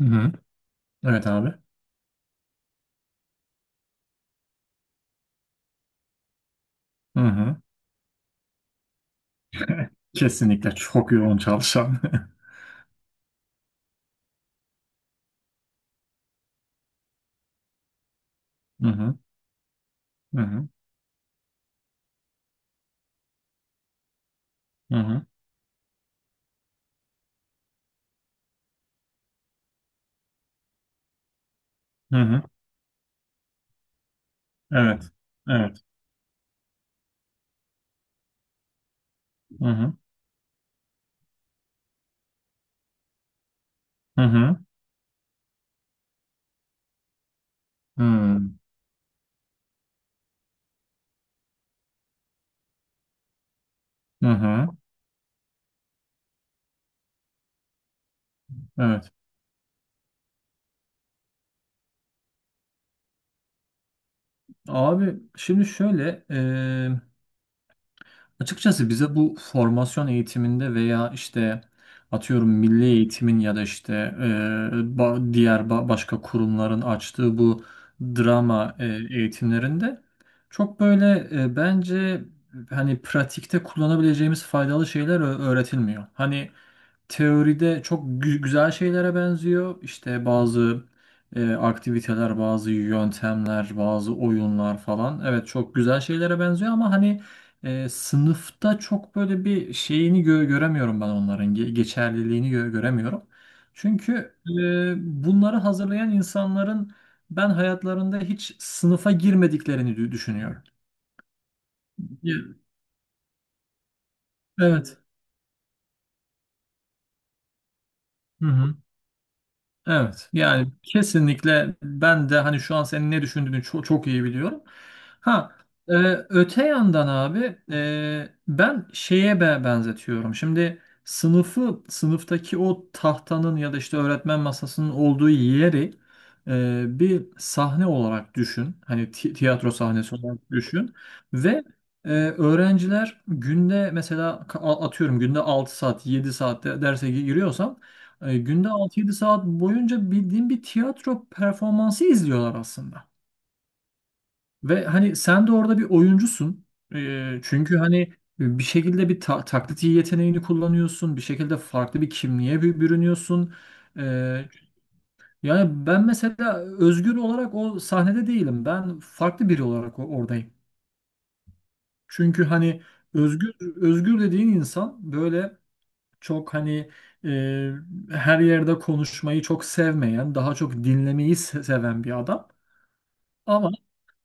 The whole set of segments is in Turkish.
Hı hı. Evet, abi. Hı hı. Kesinlikle çok yoğun çalışan. Hı hı. Hı hı. Hı hı. Hı hı. Evet. Evet. Hı hı. Hı hı. Hı hı. Hı hı. Evet. Abi, şimdi şöyle. Açıkçası bize bu formasyon eğitiminde veya işte atıyorum milli eğitimin ya da işte e, başka kurumların açtığı bu drama eğitimlerinde çok böyle bence hani pratikte kullanabileceğimiz faydalı şeyler öğretilmiyor. Hani teoride çok güzel şeylere benziyor. İşte bazı aktiviteler, bazı yöntemler, bazı oyunlar falan. Evet, çok güzel şeylere benziyor ama hani sınıfta çok böyle bir şeyini göremiyorum, ben onların geçerliliğini göremiyorum. Çünkü bunları hazırlayan insanların ben hayatlarında hiç sınıfa girmediklerini düşünüyorum. Ya, evet. Evet, yani kesinlikle ben de hani şu an senin ne düşündüğünü çok, çok iyi biliyorum. Ha, e, öte yandan abi, ben şeye benzetiyorum. Şimdi sınıftaki o tahtanın ya da işte öğretmen masasının olduğu yeri bir sahne olarak düşün. Hani tiyatro sahnesi olarak düşün ve öğrenciler günde mesela atıyorum günde 6 saat 7 saatte derse giriyorsam, günde 6-7 saat boyunca bildiğin bir tiyatro performansı izliyorlar aslında. Ve hani sen de orada bir oyuncusun. Çünkü hani bir şekilde bir taklit yeteneğini kullanıyorsun. Bir şekilde farklı bir kimliğe bürünüyorsun. E, Yani ben mesela Özgür olarak o sahnede değilim. Ben farklı biri olarak oradayım. Çünkü hani özgür özgür dediğin insan böyle çok hani e, her yerde konuşmayı çok sevmeyen, daha çok dinlemeyi seven bir adam. Ama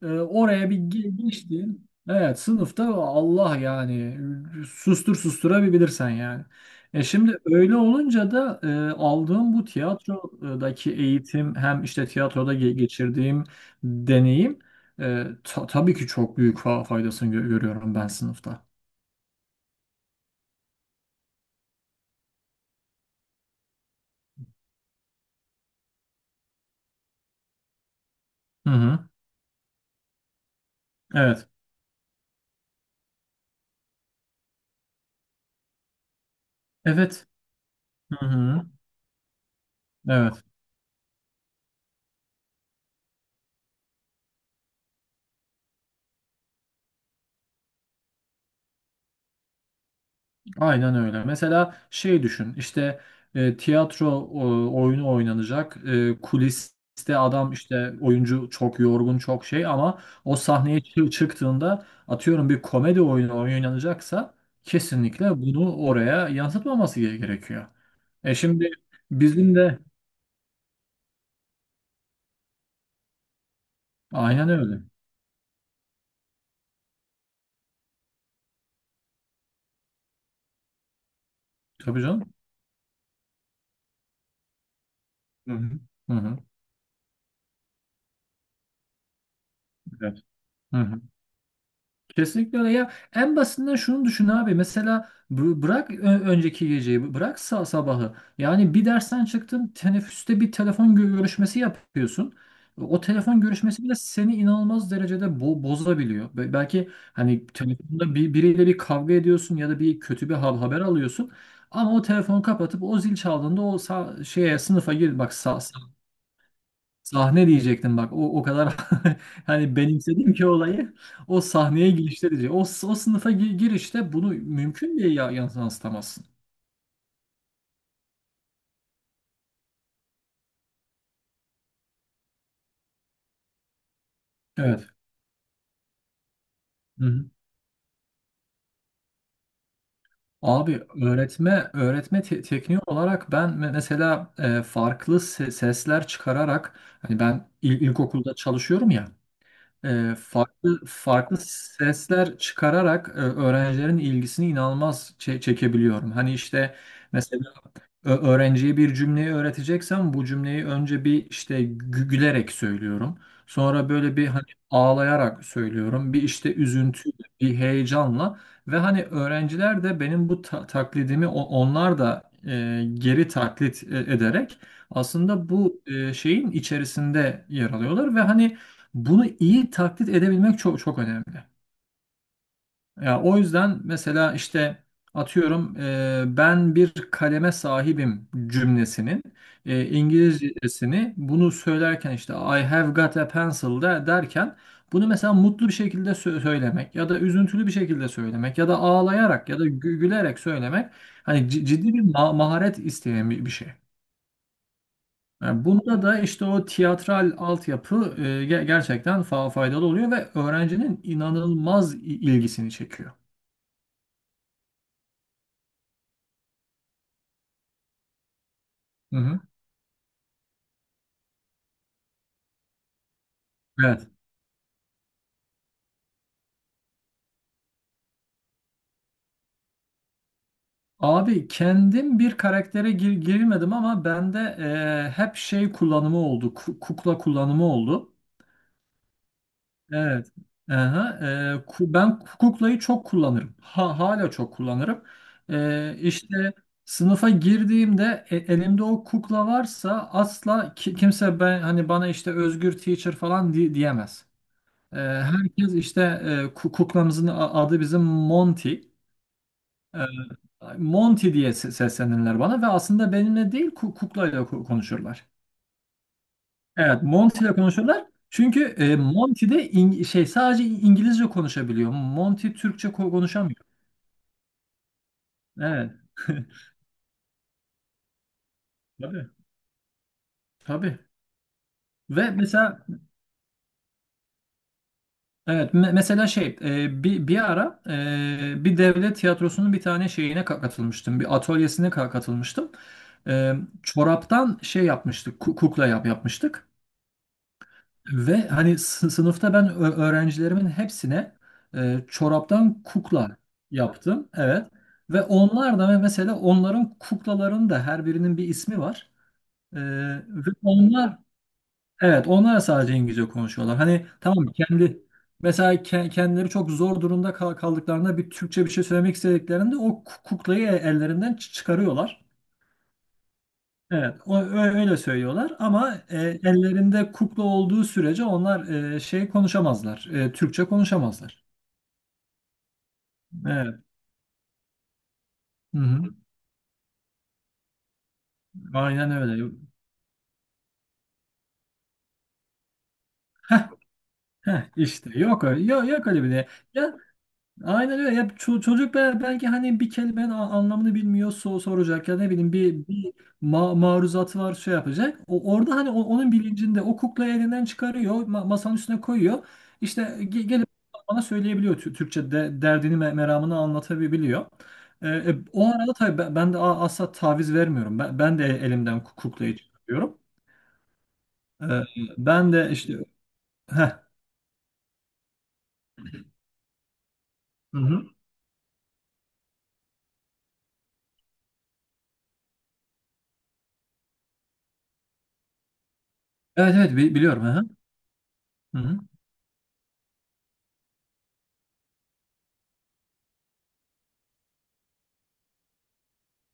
oraya bir geçti. Evet, sınıfta Allah yani susturabilirsen yani. Şimdi öyle olunca da, aldığım bu tiyatrodaki eğitim, hem işte tiyatroda geçirdiğim deneyim, tabii ki çok büyük faydasını görüyorum ben sınıfta. Hı hı. Evet. Evet. Hı hı. Evet. Aynen öyle. Mesela şey düşün, işte tiyatro oyunu oynanacak. Kuliste adam, işte oyuncu, çok yorgun, çok şey, ama o sahneye çıktığında atıyorum bir komedi oyunu oynanacaksa kesinlikle bunu oraya yansıtmaması gerekiyor. Şimdi bizim de aynen öyle. Tabii canım. Hı hı. Hı hı. Evet. Hı hı. Kesinlikle öyle. Ya, en basitinden şunu düşün abi. Mesela bırak önceki geceyi, bırak sabahı. Yani bir dersten çıktın, teneffüste bir telefon görüşmesi yapıyorsun. O telefon görüşmesi bile seni inanılmaz derecede bozabiliyor. Belki hani telefonda biriyle bir kavga ediyorsun ya da bir kötü bir haber alıyorsun. Ama o telefonu kapatıp o zil çaldığında o şeye sınıfa gir, bak. Sahne diyecektim, bak. O kadar hani benimsedim ki olayı. O sahneye girişte diyecek. O sınıfa girişte bunu mümkün diye ya yansıtamazsın. Evet. Hı-hı. Abi, öğretme tekniği olarak ben mesela farklı sesler çıkararak, hani ben ilkokulda çalışıyorum ya, farklı farklı sesler çıkararak, öğrencilerin ilgisini inanılmaz çekebiliyorum. Hani işte mesela öğrenciye bir cümleyi öğreteceksem, bu cümleyi önce bir işte gülerek söylüyorum. Sonra böyle bir hani ağlayarak söylüyorum. Bir işte üzüntüyle, bir heyecanla, ve hani öğrenciler de benim bu taklidimi onlar da geri taklit ederek aslında bu şeyin içerisinde yer alıyorlar, ve hani bunu iyi taklit edebilmek çok çok önemli. Ya, o yüzden mesela işte atıyorum ben bir kaleme sahibim cümlesinin İngilizcesini, bunu söylerken işte I have got a pencil de derken, bunu mesela mutlu bir şekilde söylemek ya da üzüntülü bir şekilde söylemek ya da ağlayarak ya da gülerek söylemek hani ciddi bir maharet isteyen bir şey. Yani bunda da işte o tiyatral altyapı gerçekten faydalı oluyor ve öğrencinin inanılmaz ilgisini çekiyor. Hı hı. Evet. Abi, kendim bir karaktere girmedim ama bende hep şey kullanımı oldu. Kukla kullanımı oldu. Evet. Aha, ben kuklayı çok kullanırım. Ha, hala çok kullanırım. İşte sınıfa girdiğimde elimde o kukla varsa, asla kimse ben hani bana işte Özgür teacher falan diyemez. Herkes işte, kuklamızın adı bizim, Monty. Ee, Monty diye seslenirler bana ve aslında benimle değil kuklayla konuşurlar. Evet, Monty ile konuşurlar. Çünkü Monty de sadece İngilizce konuşabiliyor. Monty Türkçe konuşamıyor. Evet. Tabii. Tabii. Ve mesela, evet, mesela bir ara, bir devlet tiyatrosunun bir tane şeyine katılmıştım. Bir atölyesine katılmıştım. E, Çoraptan şey yapmıştık. Kukla yapmıştık. Ve hani sınıfta ben öğrencilerimin hepsine çoraptan kukla yaptım. Evet. Ve onlar da mesela, onların kuklaların da her birinin bir ismi var. E, ve onlar evet onlar sadece İngilizce konuşuyorlar. Hani tamam, kendi mesela kendileri çok zor durumda kaldıklarında bir Türkçe bir şey söylemek istediklerinde o kuklayı ellerinden çıkarıyorlar. Evet, öyle söylüyorlar ama ellerinde kukla olduğu sürece onlar konuşamazlar, Türkçe konuşamazlar. Evet, hı hı. Aynen öyle. Heh, heh, işte yok öyle, yok, yok öyle bir şey. Aynen öyle. Ya, çocuk belki hani bir kelimenin anlamını bilmiyor, soracak, ya ne bileyim, bir maruzatı var, şey yapacak. Orada hani onun bilincinde o kuklayı elinden çıkarıyor, masanın üstüne koyuyor. İşte gelip bana söyleyebiliyor, Tü- Türkçe derdini meramını anlatabiliyor. O arada tabii, ben de asla taviz vermiyorum. Ben de elimden kuklayı çıkarıyorum. Ee, Ben de işte heh. Hı hı. Evet, evet, biliyorum. Hı hı.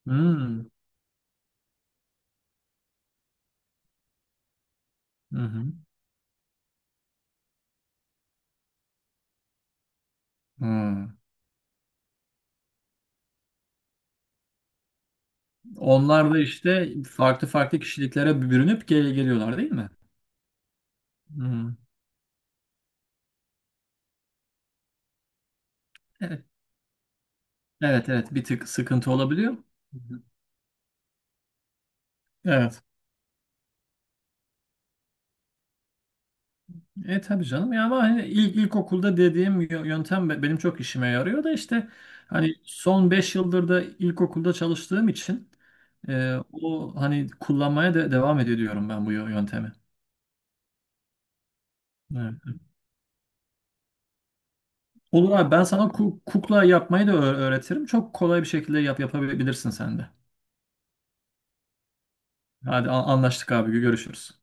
Hı hı. Hı hı. Hı hı. Onlar da işte farklı farklı kişiliklere bürünüp geliyorlar, değil mi? Hı. Evet, evet, evet. Bir tık sıkıntı olabiliyor. Hı hı. Evet. Tabii canım ya, ama hani ilkokulda dediğim yöntem benim çok işime yarıyor da işte, hani son 5 yıldır da ilkokulda çalıştığım için o hani kullanmaya da devam ediyorum ben bu yöntemi. Evet. Olur abi, ben sana kukla yapmayı da öğretirim. Çok kolay bir şekilde yapabilirsin sen de. Hadi anlaştık abi, görüşürüz.